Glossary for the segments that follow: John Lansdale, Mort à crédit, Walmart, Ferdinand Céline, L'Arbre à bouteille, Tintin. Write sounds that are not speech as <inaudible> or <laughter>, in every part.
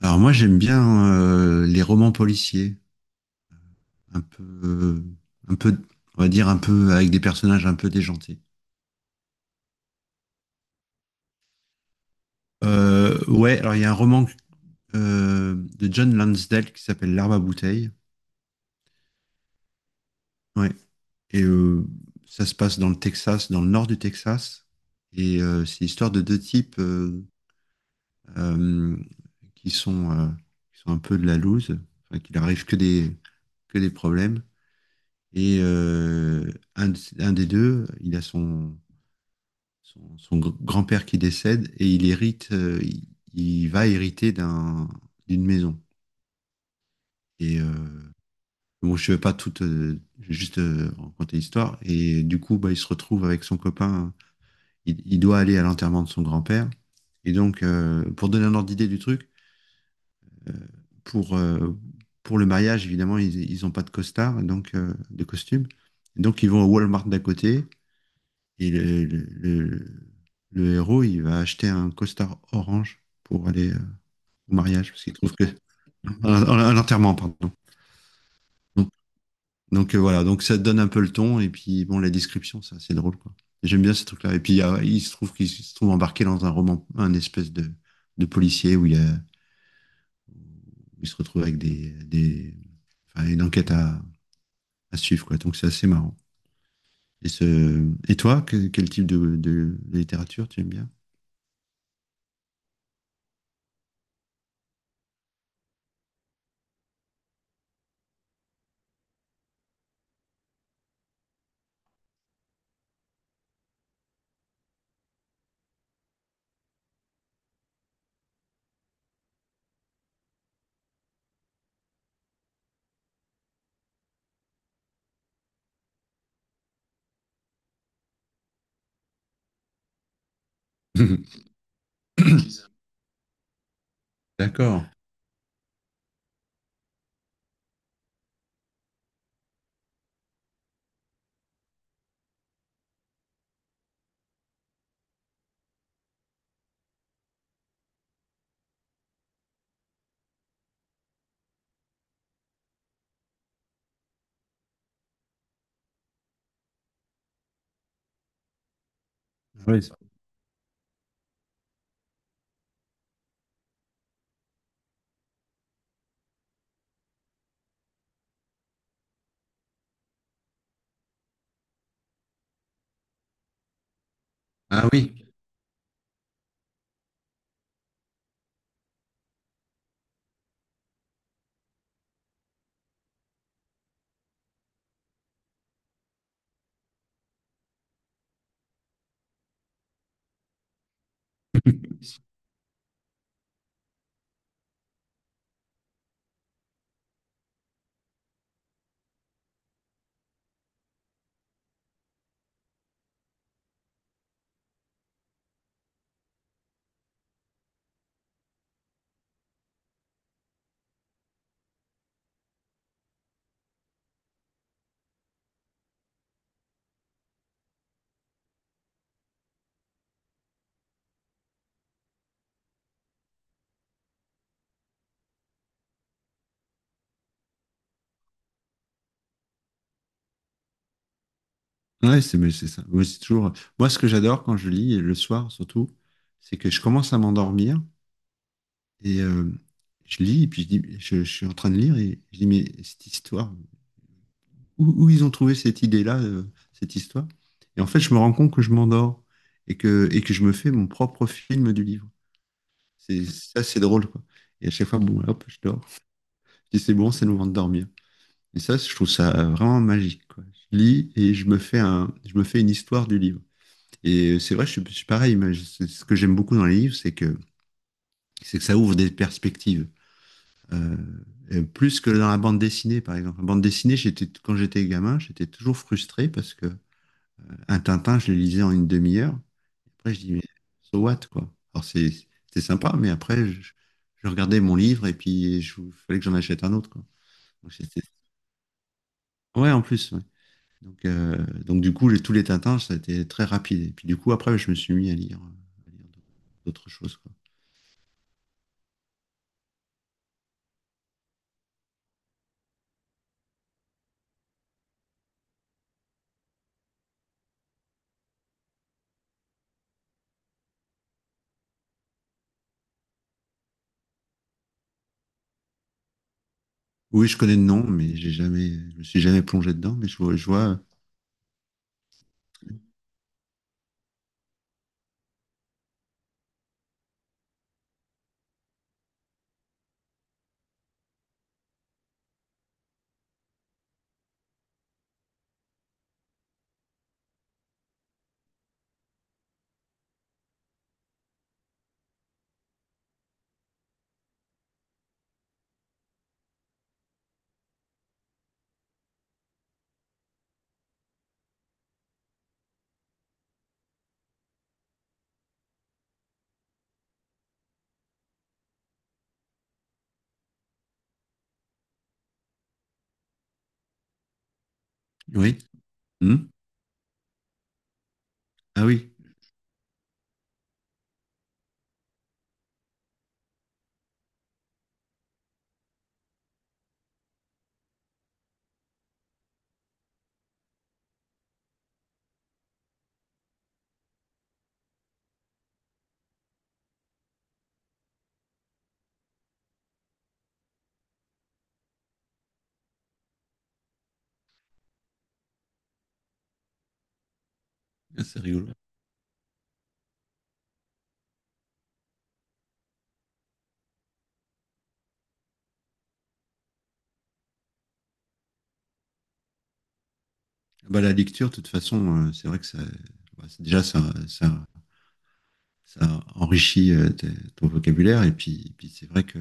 Alors moi j'aime bien les romans policiers, un peu, euh, un peu, on va dire un peu avec des personnages un peu déjantés. Ouais, alors il y a un roman de John Lansdale qui s'appelle L'Arbre à bouteille. Ouais, et ça se passe dans le Texas, dans le nord du Texas, et c'est l'histoire de deux types euh, qui sont, euh, qui sont un peu de la loose, enfin, qu'il arrive que des problèmes. Et euh, un des deux, il a son grand-père qui décède et il hérite, il va hériter d'une maison. Et euh, bon, je ne vais pas je vais juste raconter l'histoire. Et du coup, bah, il se retrouve avec son copain. Il doit aller à l'enterrement de son grand-père. Et donc, pour donner un ordre d'idée du truc, euh, pour, euh, pour le mariage, évidemment, ils ont pas de costard, donc de costume. Donc, ils vont au Walmart d'à côté. Et le héros, il va acheter un costard orange pour aller au mariage, parce qu'il trouve que... à l'enterrement, pardon. Donc, donc, voilà, donc ça donne un peu le ton, et puis bon, la description, c'est assez drôle, quoi. J'aime bien ces trucs-là. Et puis il se trouve qu'il se trouve embarqué dans un roman, un espèce de policier où il se retrouve avec des, enfin, une enquête à suivre, quoi. Donc c'est assez marrant. Et toi, quel type de littérature tu aimes bien? <laughs> D'accord. Ah oui. Ah oui. Ouais, c'est mais c'est ça. Moi, c'est toujours... Moi, ce que j'adore quand je lis, et le soir surtout, c'est que je commence à m'endormir et je lis, et puis je dis, je suis en train de lire et je dis, mais cette histoire, où ils ont trouvé cette idée-là, cette histoire? Et en fait, je me rends compte que je m'endors et que je me fais mon propre film du livre. C'est ça, c'est drôle, quoi. Et à chaque fois, bon, hop, je dors. Je dis, c'est bon, c'est le moment de dormir. Et ça, je trouve ça vraiment magique, quoi. Je lis et je me fais je me fais une histoire du livre. Et c'est vrai, je suis pareil. Mais je- c'est Ce que j'aime beaucoup dans les livres, c'est que ça ouvre des perspectives. Euh, plus que dans la bande dessinée, par exemple. La bande dessinée, quand j'étais gamin, j'étais toujours frustré parce que un Tintin, je le lisais en une demi-heure. Après, je dis, mais so what, quoi. Alors, c'était sympa, mais après, je regardais mon livre et puis je, fallait que j'en achète un autre, quoi. Donc, c'était- ouais, en plus, ouais. Donc, du coup, tous les Tintins, ça a été très rapide. Et puis, du coup, après, je me suis mis à lire d'autres choses, quoi. Oui, je connais le nom, mais j'ai jamais, je me suis jamais plongé dedans, mais je vois, oui. Hmm. Ah oui. Ah, c'est rigolo. Bah, la lecture, de toute façon, c'est vrai que ça, bah, déjà, ça, ça enrichit ton vocabulaire, et puis c'est vrai que,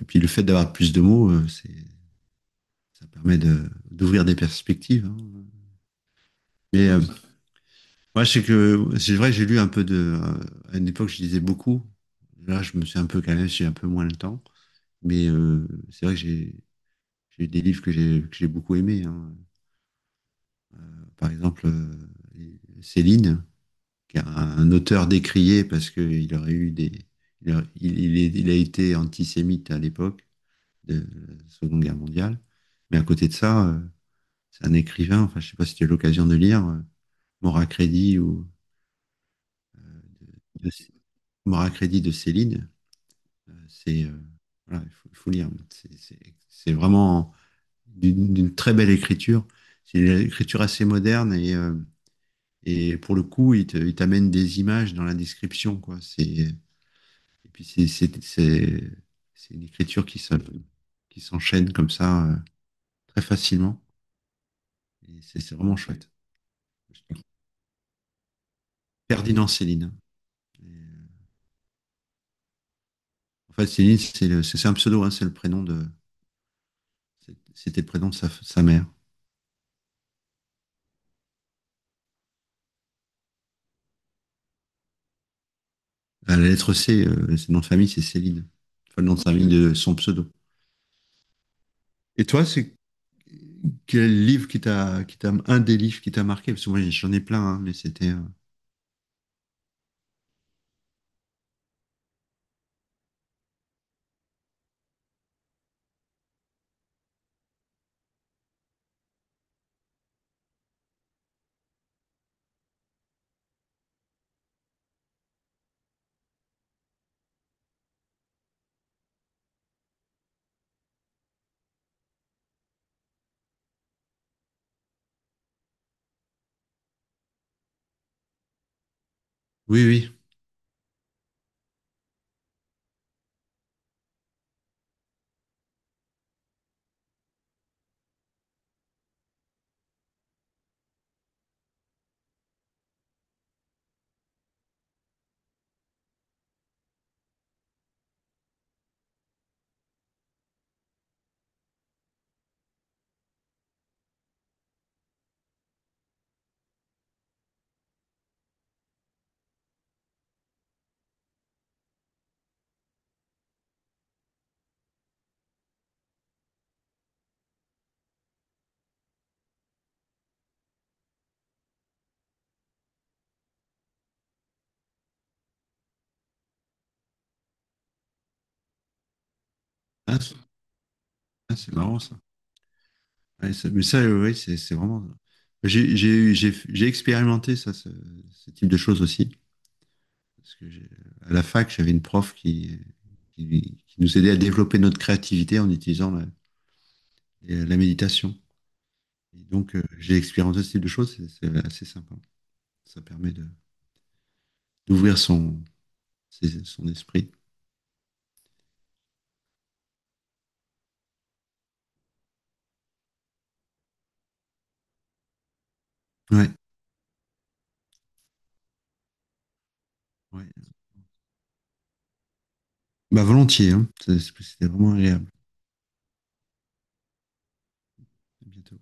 et puis le fait d'avoir plus de mots, ça permet d'ouvrir des perspectives, hein. Mais, moi, je sais que, c'est vrai, que j'ai lu un peu à une époque, je lisais beaucoup. Là, je me suis un peu calmé, j'ai un peu moins le temps. Mais c'est vrai que j'ai eu des livres que j'ai beaucoup aimés, hein. Par exemple, Céline, qui est un auteur décrié parce qu'il aurait eu des, il a, il- il est- il a été antisémite à l'époque de la Seconde Guerre mondiale. Mais à côté de ça, c'est un écrivain. Enfin, je sais pas si tu as eu l'occasion de lire Mort à crédit ou de, Mort à crédit de Céline. C'est voilà, il faut lire. C'est vraiment d'une très belle écriture. C'est une écriture assez moderne et et pour le coup, il t'amène des images dans la description, quoi. C'est, et puis c'est une écriture qui s'enchaîne comme ça, très facilement. Et c'est vraiment chouette. Ferdinand Céline, hein. Et, en fait, Céline, c'est un pseudo, hein, c'était le prénom sa mère. À la lettre C, c'est nom de famille, c'est Céline. Enfin, le nom de famille de son pseudo. Et toi, c'est quel livre un des livres qui t'a marqué? Parce que moi, j'en ai plein, hein, mais c'était, oui, oui. Ah, c'est ah, c'est marrant ça. Ouais, ça- Mais ça, oui, c'est vraiment. J'ai j'ai j'ai expérimenté ça, ce type de choses aussi. Parce que j'ai- à la fac, j'avais une prof qui nous aidait à développer notre créativité en utilisant la méditation. Et donc, j'ai expérimenté ce type de choses, c'est assez sympa. Ça permet de d'ouvrir son esprit. Ouais, ouais. Bah, volontiers, hein. C'est- C'était vraiment agréable. À bientôt.